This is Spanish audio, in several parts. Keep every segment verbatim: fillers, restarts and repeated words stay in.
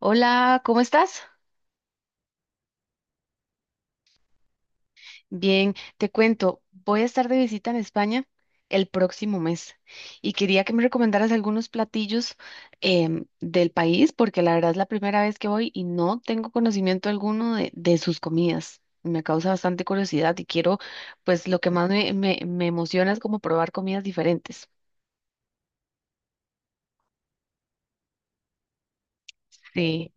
Hola, ¿cómo estás? Bien, te cuento, voy a estar de visita en España el próximo mes y quería que me recomendaras algunos platillos em, del país porque la verdad es la primera vez que voy y no tengo conocimiento alguno de, de sus comidas. Me causa bastante curiosidad y quiero, pues lo que más me, me, me emociona es como probar comidas diferentes. Sí.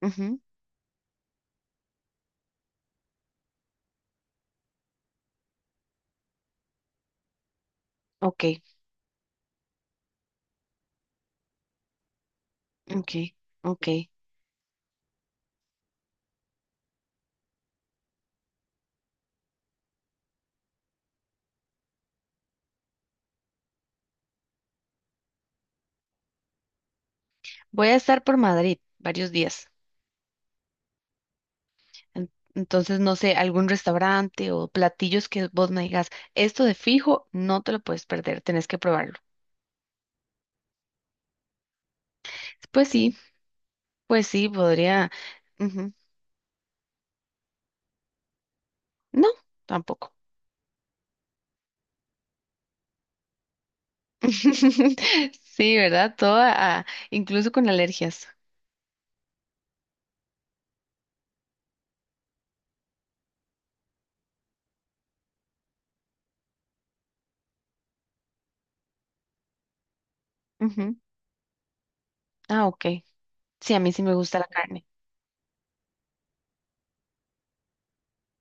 Ujú. Ok, ok, ok. Voy a estar por Madrid varios días. En- Entonces, no sé, algún restaurante o platillos que vos me digas, esto de fijo, no te lo puedes perder, tenés que probarlo. Pues sí, pues sí, podría. Ujú. No, tampoco. Sí, ¿verdad? Todo, a- incluso con alergias. Ujú. Ah, ok. Sí, a mí sí me gusta la carne.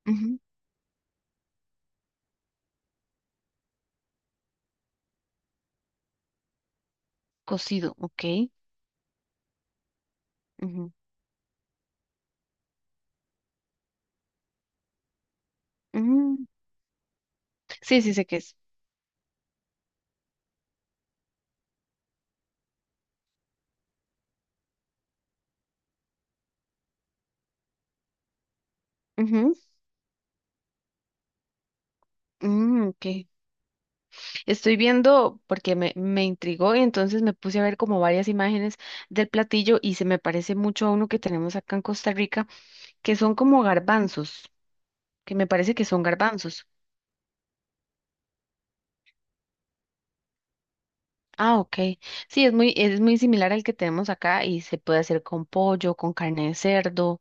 Ujú. Cocido, ok. Ujú. Mm. Sí, sí sé qué es. Ujú. Mm, ok. Estoy viendo porque me, me intrigó y entonces me puse a ver como varias imágenes del platillo y se me parece mucho a uno que tenemos acá en Costa Rica, que son como garbanzos, que me parece que son garbanzos. Ah, ok. Sí, es muy, es muy similar al que tenemos acá y se puede hacer con pollo, con carne de cerdo,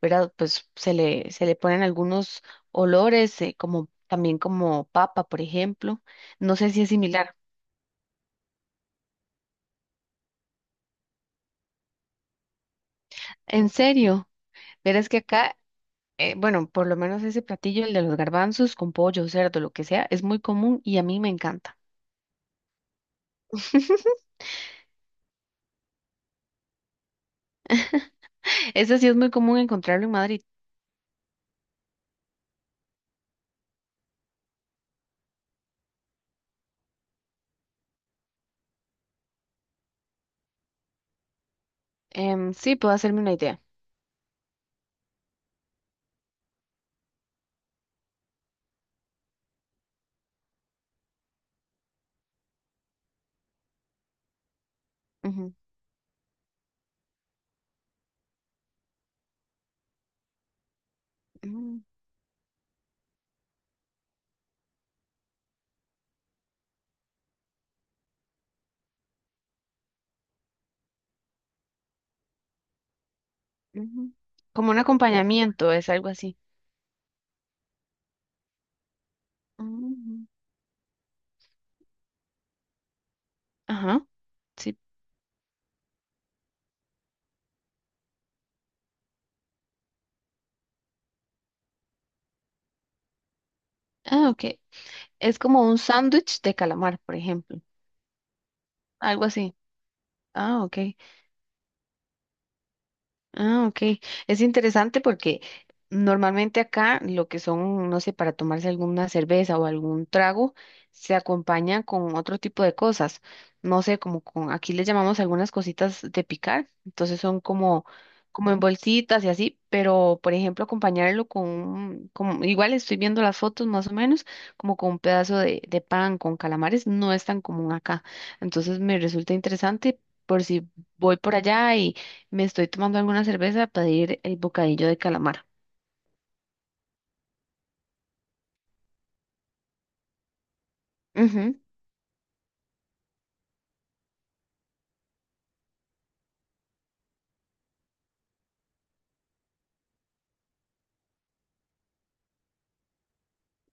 ¿verdad? Pues se le, se le ponen algunos olores, eh, como también como papa, por ejemplo. No sé si es similar. En serio, verás que acá eh, bueno, por lo menos ese platillo, el de los garbanzos con pollo, cerdo, lo que sea, es muy común y a mí me encanta. Ese sí es muy común encontrarlo en Madrid. Em, sí, puedo hacerme una idea. Ujú, ujú, ujú. Como un acompañamiento, es algo así. Ujú. Ajá, sí. Ah, ok. Es como un sándwich de calamar, por ejemplo. Algo así. Ah, ok. Ah, ok. Es interesante porque normalmente acá lo que son, no sé, para tomarse alguna cerveza o algún trago, se acompaña con otro tipo de cosas. No sé, como con, aquí le llamamos algunas cositas de picar, entonces son como, como en bolsitas y así, pero por ejemplo acompañarlo con, un- como, igual estoy viendo las fotos más o menos, como con un pedazo de, de pan con calamares, no es tan común acá. Entonces me resulta interesante por si voy por allá me estoy tomando alguna cerveza para pedir el bocadillo de calamar. Ujú,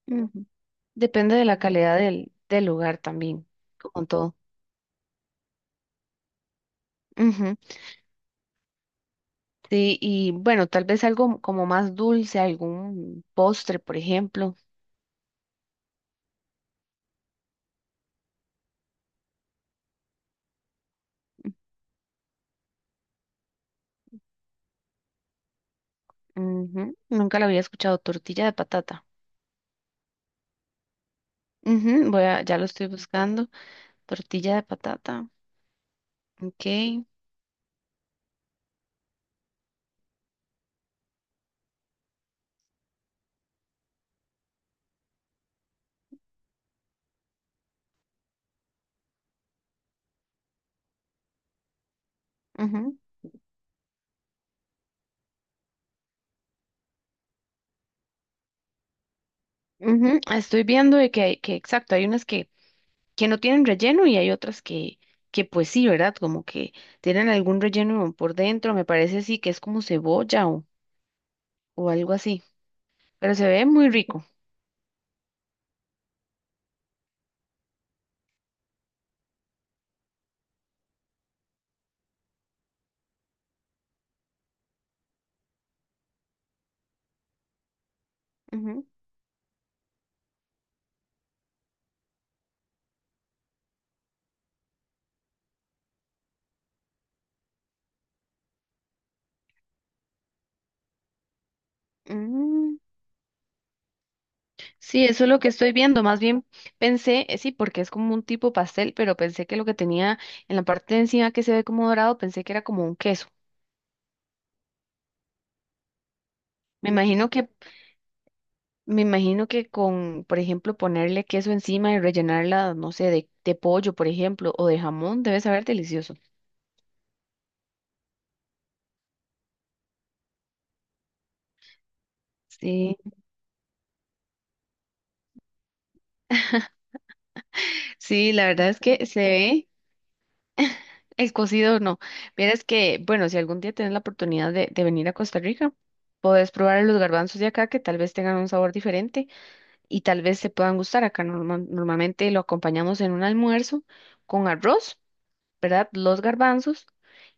ujú. Depende de la calidad del, del lugar también, como todo. Ujú. Sí, y bueno, tal vez algo como más dulce, algún postre, por ejemplo. Ujú. Nunca lo había escuchado, tortilla de patata. Ujú. Voy a, ya lo estoy buscando. Tortilla de patata. Ok. Ujú, ujú. Estoy viendo de que, hay- que exacto, hay unas que que no tienen relleno y hay otras que, que pues sí, ¿verdad? Como que tienen algún relleno por dentro, me parece así que es como cebolla o, o algo así, pero se ve muy rico. Ujú. Mm. Sí, eso es lo que estoy viendo. Más bien pensé, eh, sí, porque es como un tipo pastel, pero pensé que lo que tenía en la parte de encima que se ve como dorado, pensé que era como un queso. Me imagino que, me imagino que con, por ejemplo, ponerle queso encima y rellenarla, no sé, de, de pollo, por ejemplo, o de jamón, debe saber delicioso. Sí. Sí, la verdad es que se ve el cocido, no. Vieras que, bueno, si algún día tienes la oportunidad de, de venir a Costa Rica, podés probar los garbanzos de acá que tal vez tengan un sabor diferente y tal vez se puedan gustar. Acá norma- normalmente lo acompañamos en un almuerzo con arroz, ¿verdad? Los garbanzos.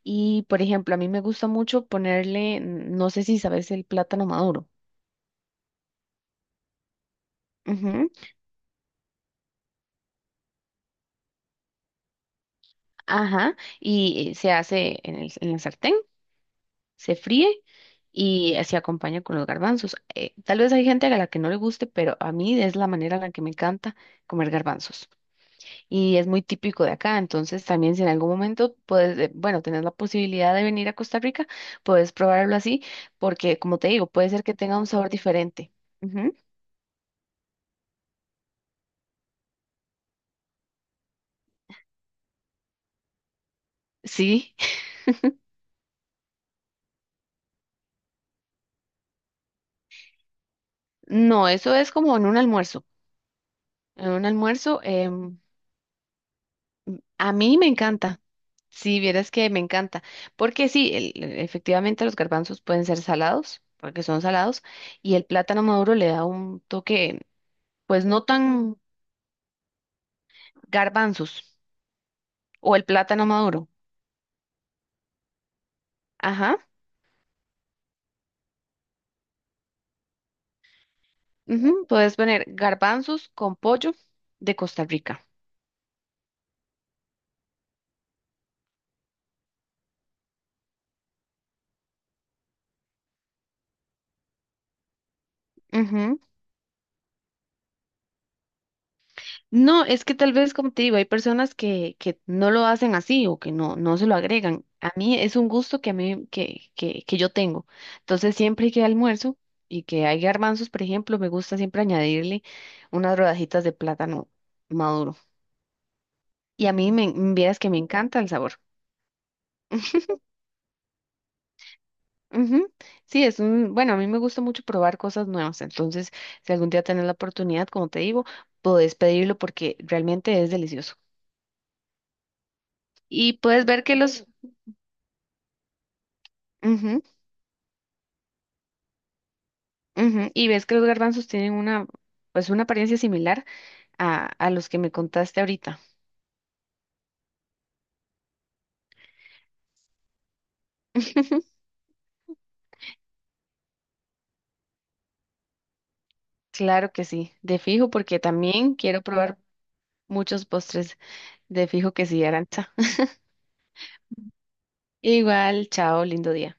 Y, por ejemplo, a mí me gusta mucho ponerle, mm, no sé si sabes, el plátano maduro. Ujú. Ajá, y eh, se hace en el, en la sartén. Se fríe y se acompaña con los garbanzos. Eh, tal vez hay gente a la que no le guste, pero a mí es la manera en la que me encanta comer garbanzos. Y es muy típico de acá, entonces también si en algún momento puedes, eh, bueno, tenés la posibilidad de venir a Costa Rica, puedes probarlo así, porque como te digo, puede ser que tenga un sabor diferente. Ujú. Sí, no, eso es como en un almuerzo. En un almuerzo, em, a mí me encanta. Sí, vieras que me encanta, porque sí, el- el- efectivamente los garbanzos pueden ser salados, porque son salados, y el plátano maduro le da un toque, pues no tan garbanzos, o el plátano maduro. Ajá, ujú. Puedes poner garbanzos con pollo de Costa Rica. No, es que tal vez, como te digo, hay personas que, que no lo hacen así o que no, no se lo agregan. A mí es un gusto que a mí, que, que, que yo tengo. Entonces, siempre que almuerzo y que hay garbanzos, por ejemplo, me gusta siempre añadirle unas rodajitas de plátano maduro. Y a mí me, vieras que me encanta el sabor. Ujú. Sí, es un, bueno, a mí me gusta mucho probar cosas nuevas, entonces si algún día tenés la oportunidad, como te digo, podés pedirlo porque realmente es delicioso. Y puedes ver que los, ujú. Ujú. Y ves que los garbanzos tienen una, pues una apariencia similar a, a los que me contaste ahorita. Claro que sí, de fijo, porque también quiero probar muchos postres. De fijo que sí, Arancha. Igual, chao, lindo día.